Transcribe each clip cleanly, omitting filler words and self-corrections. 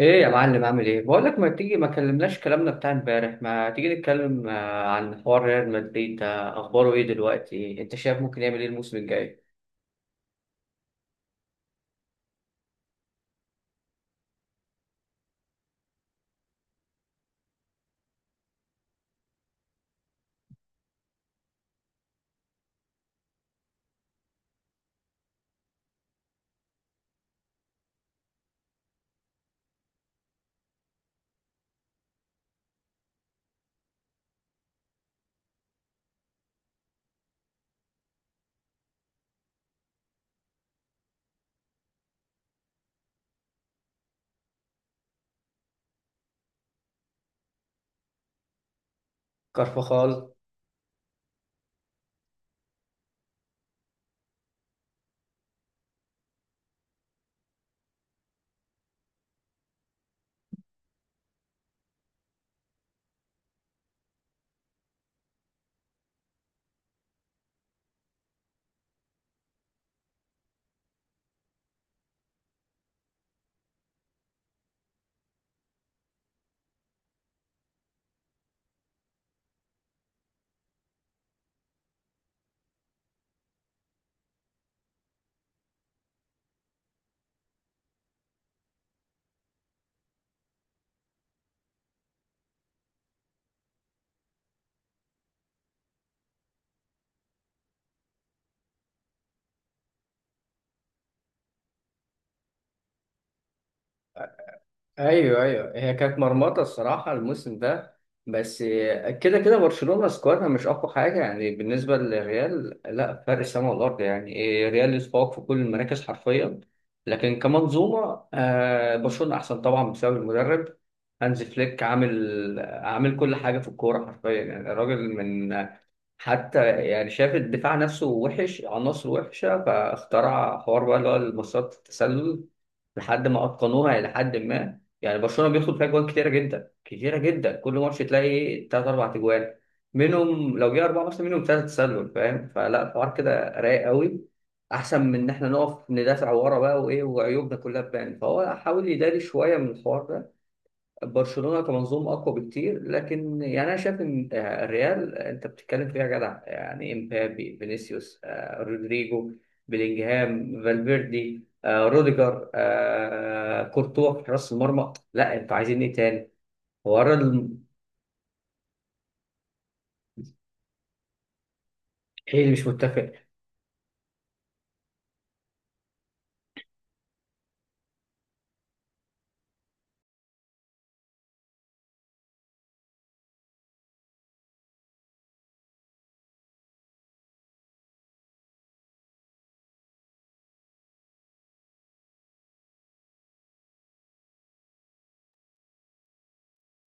ايه يا معلم، عامل ايه؟ بقول لك ما تيجي؟ ما كلمناش كلامنا بتاع امبارح. ما تيجي نتكلم عن حوار ريال مدريد، ده اخباره ايه دلوقتي؟ انت شايف ممكن يعمل ايه الموسم الجاي؟ كارفخال. ايوه ايوه، هي كانت مرمطه الصراحه الموسم ده. بس كده كده برشلونه سكوادها مش اقوى حاجه، يعني بالنسبه للريال لا، فرق السما والارض. يعني إيه، الريال يتفوق في كل المراكز حرفيا. لكن كمنظومه برشلونه احسن طبعا بسبب المدرب هانز فليك. عامل كل حاجه في الكوره حرفيا، يعني الراجل من حتى يعني شاف الدفاع نفسه وحش، عناصر وحشة، فاخترع حوار بقى اللي هو المسارات التسلل لحد ما أتقنوها إلى حد ما. يعني برشلونة بيدخل فيها جوان كتيرة جدا كتيرة جدا، كل ماتش تلاقي تلات أربع أجوان منهم، لو جه أربعة مثلا منهم تلاتة تسلل، فاهم؟ فلا الحوار كده رايق قوي، أحسن من إن إحنا نقف ندافع ورا بقى وإيه وعيوبنا كلها تبان، فهو حاول يداري شوية من الحوار ده. برشلونة كمنظومة أقوى بكتير، لكن يعني أنا شايف إن الريال أنت بتتكلم فيها جدع، يعني إمبابي، فينيسيوس، رودريجو، بيلينجهام، فالفيردي، روديجر، كورتوا في حراس المرمى. لا أنتوا عايزين إيه تاني؟ ورا ال... إيه اللي مش متفق؟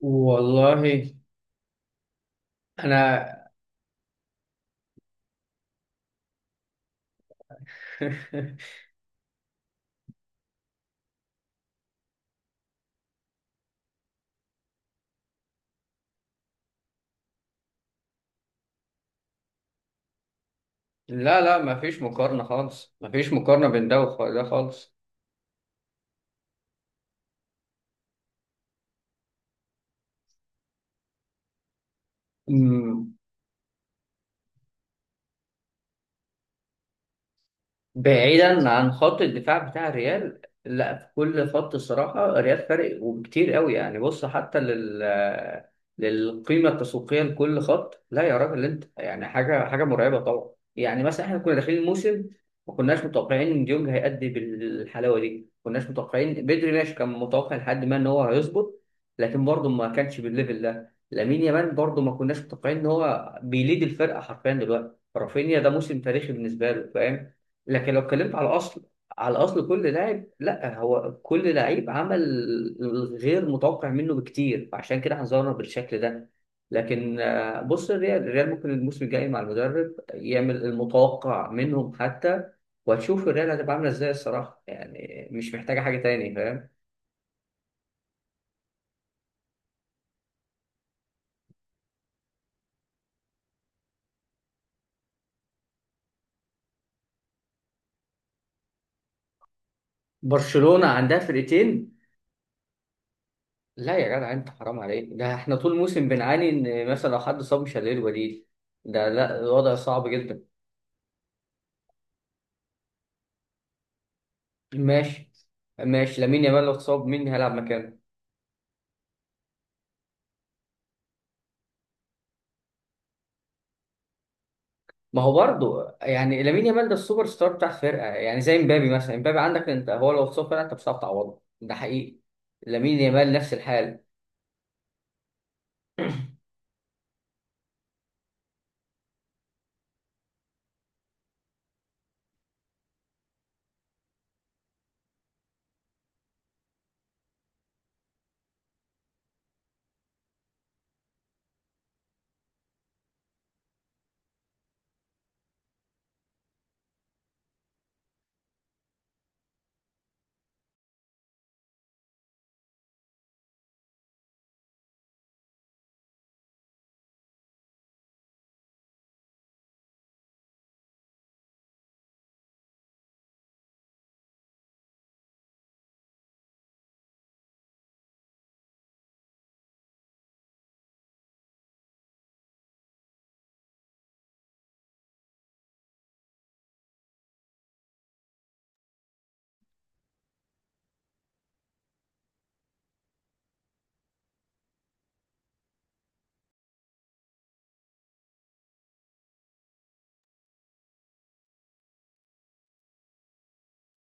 والله انا لا لا مفيش مقارنة خالص، مفيش مقارنة بين ده وده خالص. بعيدا عن خط الدفاع بتاع الريال، لا في كل خط الصراحة الريال فارق وكتير قوي، يعني بص حتى لل للقيمة التسويقية لكل خط. لا يا راجل انت، يعني حاجة حاجة مرعبة طبعا. يعني مثلا احنا كنا داخلين الموسم، ما كناش متوقعين ان ديونج هيأدي بالحلاوة دي، ما كناش متوقعين بدري ماشي، كان متوقع لحد ما ان هو هيظبط لكن برضه ما كانش بالليفل ده. لامين يامال برضه ما كناش متوقعين ان هو بيليد الفرقة حرفيا دلوقتي. رافينيا ده موسم تاريخي بالنسبة له، فاهم؟ لكن لو اتكلمت على اصل، على اصل كل لاعب، لا هو كل لعيب عمل غير متوقع منه بكتير، فعشان كده هنظهر بالشكل ده. لكن بص الريال، الريال ممكن الموسم الجاي مع المدرب يعمل المتوقع منهم حتى، وهتشوف الريال هتبقى عامله ازاي الصراحه، يعني مش محتاجه حاجه تاني، فاهم؟ برشلونه عندها فرقتين؟ لا يا جدع انت حرام عليك، ده احنا طول الموسم بنعاني ان مثلا لو حد صاب مش هنلاقي البديل. ده لا الوضع صعب جدا. ماشي. ماشي، لامين يامال لو اتصاب مين هيلعب مكانه؟ ما هو برضه يعني لامين يامال ده السوبر ستار بتاع الفرقه، يعني زي امبابي مثلا. امبابي عندك انت هو لو اتصاب فرقه، انت مش هتعرف تعوضه، ده حقيقي. لامين يامال نفس الحال.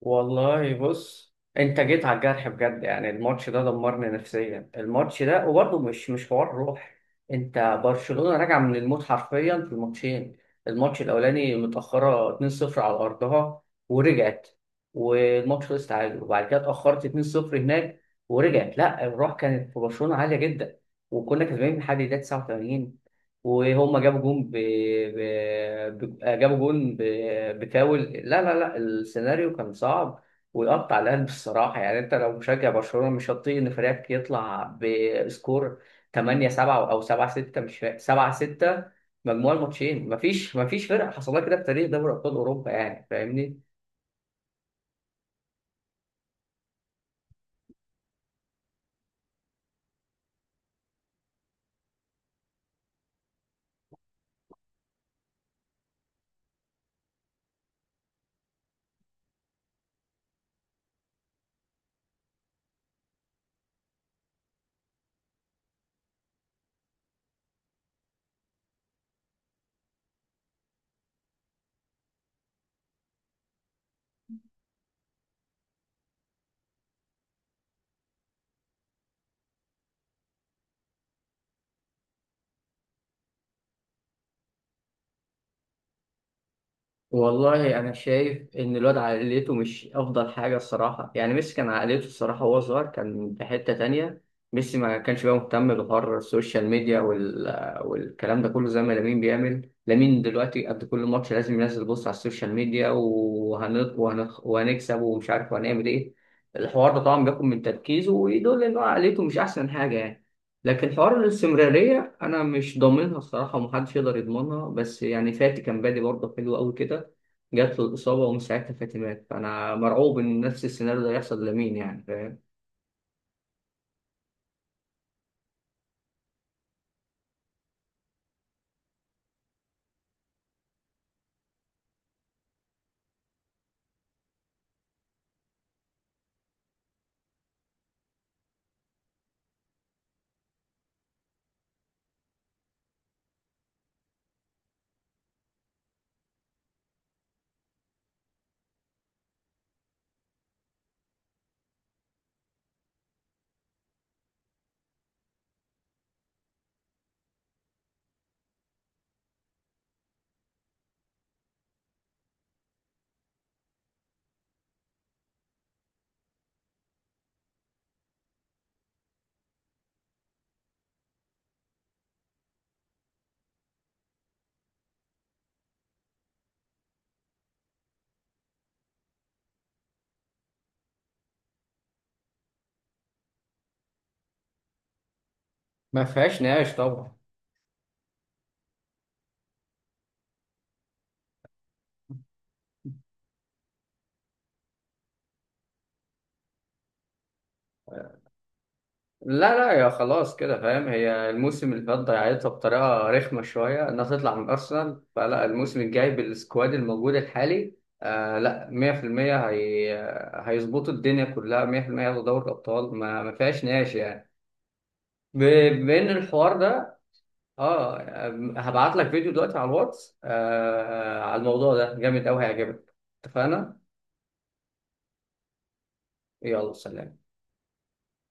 والله بص، انت جيت على الجرح بجد، يعني الماتش ده دمرني نفسيا، الماتش ده. وبرضه مش حوار روح، انت برشلونة راجعة من الموت حرفيا في الماتشين. الماتش الاولاني متأخرة 2-0 على ارضها، ورجعت والماتش خلص تعادل. وبعد كده اتأخرت 2-0 هناك، ورجعت. لا الروح كانت في برشلونة عالية جدا، وكنا كسبانين لحد الدقيقة 89، وهم ب... جابوا جون بفاول. لا لا لا السيناريو كان صعب، ويقطع القلب الصراحة. يعني انت لو مشجع برشلونة مش هتطيق ان فريقك يطلع بسكور 8 7 او 7 6، مش فاكر 7 6 مجموع الماتشين. مفيش مفيش فرقة حصلها كده في تاريخ دوري ابطال اوروبا، يعني فاهمني؟ والله انا شايف ان الواد عقليته مش افضل حاجه الصراحه. يعني ميسي كان عقليته الصراحه وهو صغير كان في حته تانية، ميسي ما كانش بقى مهتم بحوار السوشيال ميديا والكلام ده كله زي ما لامين بيعمل. لامين دلوقتي قبل كل ماتش لازم ينزل بوست على السوشيال ميديا وهنكسب ومش عارف وهنعمل ايه. الحوار ده طبعا بياخد من تركيزه، ويدل ان هو عقليته مش احسن حاجه يعني. لكن حوار الاستمرارية أنا مش ضامنها الصراحة، ومحدش يقدر يضمنها. بس يعني فاتي كان بادي برضه حلو أوي كده، جات له الإصابة ومن ساعتها فاتي مات، فأنا مرعوب إن نفس السيناريو ده يحصل لمين، يعني فاهم؟ ما فيهاش نقاش طبعا. لا لا يا خلاص كده فاهم، هي الموسم اللي فات ضيعتها بطريقة رخمة شوية إنها تطلع من أرسنال، فلا الموسم الجاي بالسكواد الموجود الحالي. آه لا، 100% هي هيظبطوا الدنيا كلها 100%، ياخدوا دوري الأبطال، ما فيهاش نقاش يعني. ب- بين الحوار ده، اه. هبعت لك فيديو دلوقتي على الواتس على الموضوع ده، جامد أوي، هيعجبك، اتفقنا؟ يلا سلام.